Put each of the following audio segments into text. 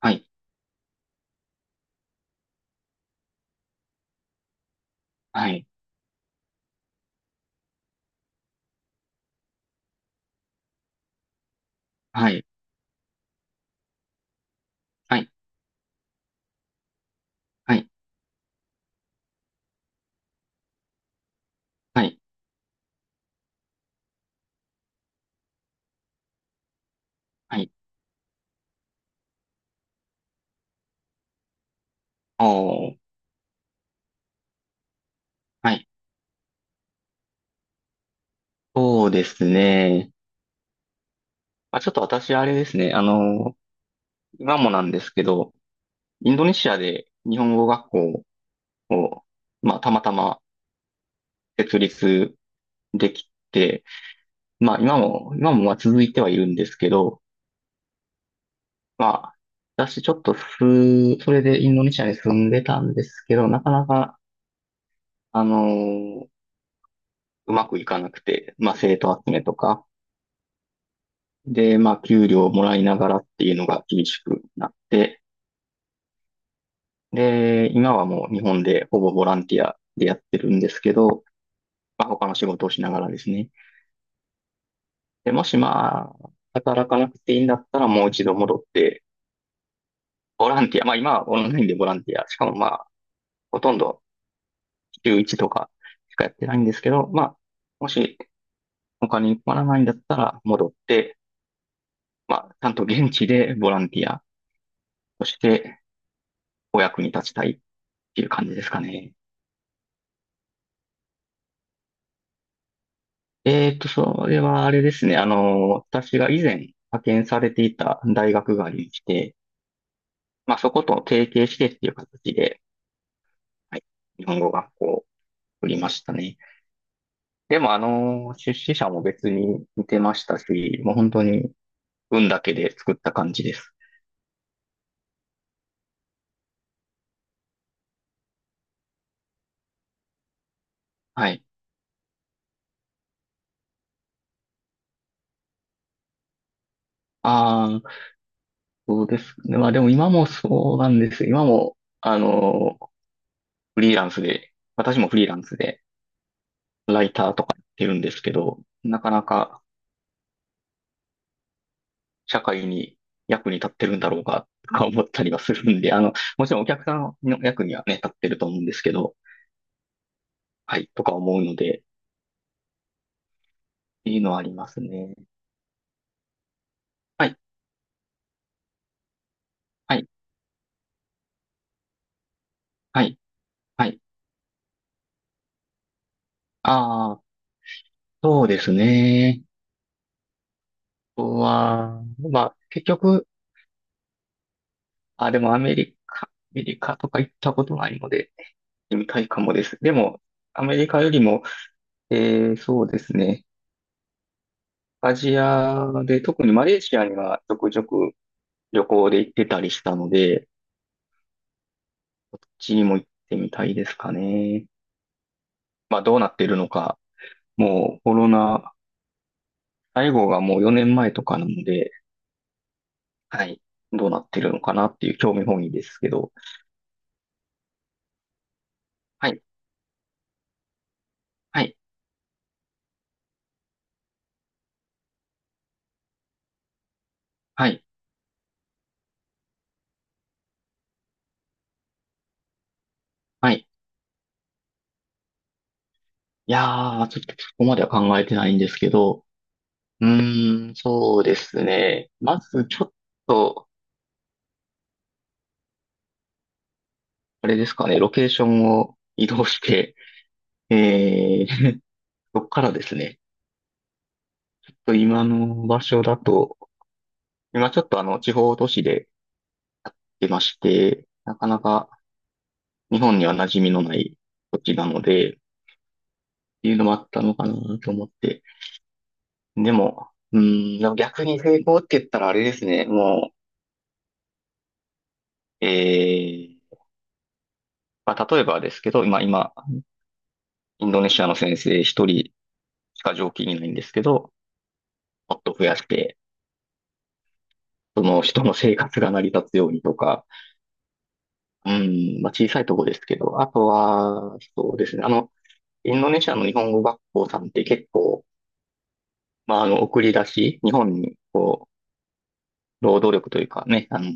はい、はい、はい、はい、はい、はい、はい、おー、はい、そうですね。まあ、ちょっと私、あれですね、今もなんですけど、インドネシアで日本語学校を、まあ、たまたま設立できて、まあ、今もまあ続いてはいるんですけど、まあ、私、ちょっとす、それでインドネシアに住んでたんですけど、なかなか、あの、うまくいかなくて、まあ、生徒集めとか、で、まあ、給料をもらいながらっていうのが厳しくなって、で、今はもう日本でほぼボランティアでやってるんですけど、まあ、他の仕事をしながらですね。で、もしまあ、働かなくていいんだったらもう一度戻って、ボランティア、まあ今はオンラインでボランティア、しかもまあ、ほとんど週1とかしかやってないんですけど、まあ、もしお金に困らないんだったら戻って、まあ、ちゃんと現地でボランティアとしてお役に立ちたいっていう感じですかね。それはあれですね。私が以前派遣されていた大学がありまして、まあそこと提携してっていう形で、はい、日本語学校を作りましたね。でも出資者も別に似てましたし、もう本当に運だけで作った感じです。はい。ああ、そうですね。まあでも今もそうなんです。今も、フリーランスで、私もフリーランスで、ライターとかやってるんですけど、なかなか社会に役に立ってるんだろうか、とか思ったりはするんで、もちろんお客さんの役にはね、立ってると思うんですけど、はい、とか思うので、っていうのはありますね。はい、はい、はい、はい。ああ、そうですね。あとは、まあ、結局、あ、でもアメリカとか行ったことないので、行ってみたいかもです。でも、アメリカよりも、そうですね。アジアで、特にマレーシアにはちょくちょく旅行で行ってたりしたので、こっちにも行ってみたいですかね。まあどうなってるのか、もうコロナ、最後がもう4年前とかなので、はい、どうなってるのかなっていう興味本位ですけど、はい、はい、はい、はい。いやー、ちょっとそこまでは考えてないんですけど、うーん、そうですね。まずちょっと、あれですかね、ロケーションを移動して、えー、そこからですね、今の場所だと、今ちょっとあの地方都市で、やってまして、なかなか日本には馴染みのない土地なので、っていうのもあったのかなと思って。でも、うーん、でも逆に成功って言ったらあれですね。もう、まあ、例えばですけど、今、インドネシアの先生一人しか常勤いないんですけど、もっと増やして、その人の生活が成り立つようにとか、うん、まあ、小さいとこですけど、あとは、そうですね。インドネシアの日本語学校さんって結構、まあ、送り出し、日本に、こう、労働力というかね、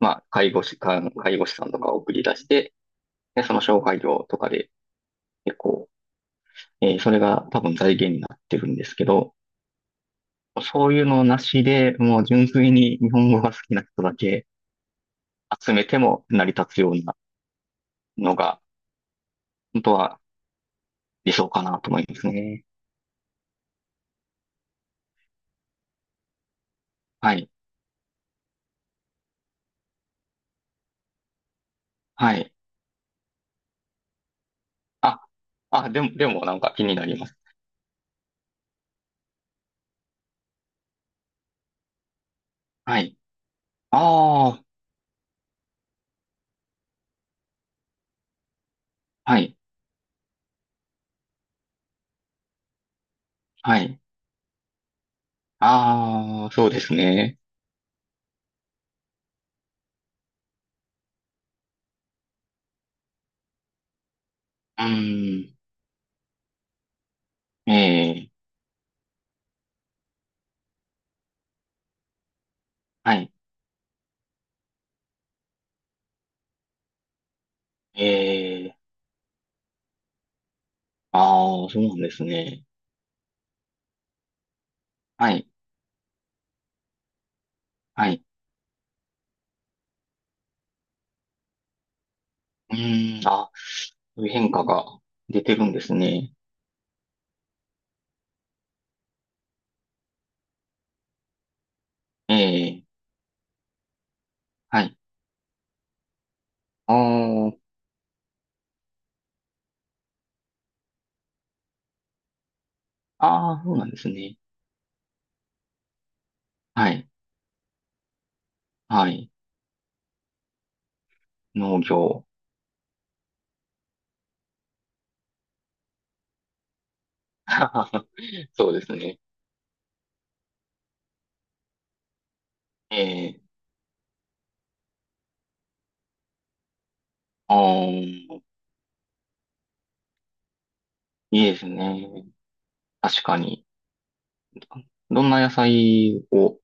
まあ、介護士、か介護士さんとかを送り出して、で、その紹介料とかで、結構、それが多分財源になってるんですけど、そういうのなしで、もう純粋に日本語が好きな人だけ集めても成り立つようなのが、本当は理想かなと思いますね。はい。はい。あ、あ、でもなんか気になります。はい。ああ、はい。はい。ああ、そうですね。うん。ええ、はい。ええ、ああ、そうなんですね。はい、はい。うーん、あ、そういう変化が出てるんですね。ええ、はい。あーあー、そうなんですね。はい、はい。農業。そうですね。ええ、ああ、いいですね。確かに。どんな野菜を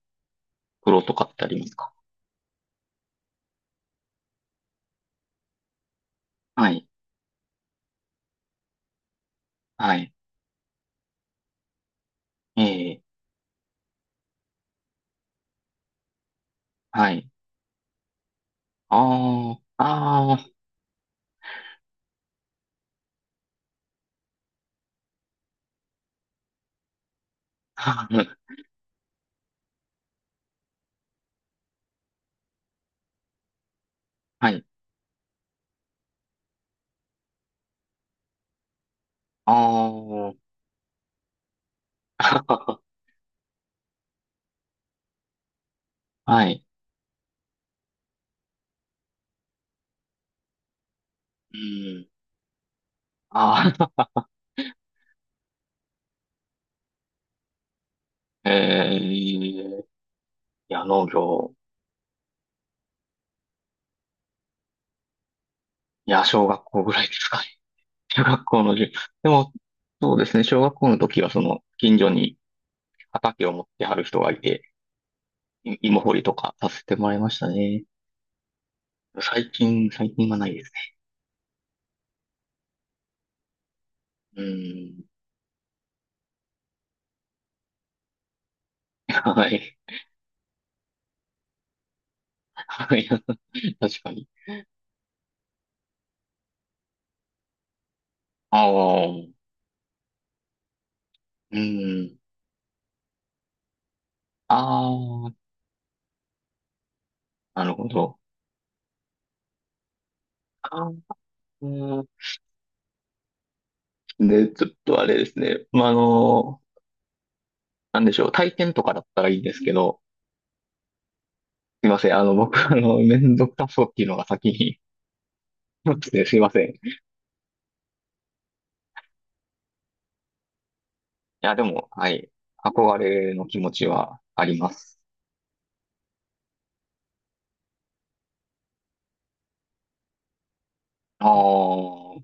作ろうとかってありますか？はい、はい。ええ、はい。ああ、ああ。はい。ああ。はい。うん。ああ。ええいや、農業。いや、小学校ぐらいですかね。中学校の授でも、そうですね。小学校の時は、近所に畑を持ってはる人がいて、芋掘りとかさせてもらいましたね。最近はないですね。うん。はい。はい。確かに。ああ。うん。ああ。なるほど。ああ。で、ちょっとあれですね。まあ、なんでしょう。体験とかだったらいいんですけど、すいません。僕、めんどくさそうっていうのが先に、ってすいません。いや、でも、はい。憧れの気持ちはあります。ああ、そ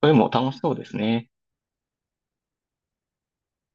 れも楽しそうですね。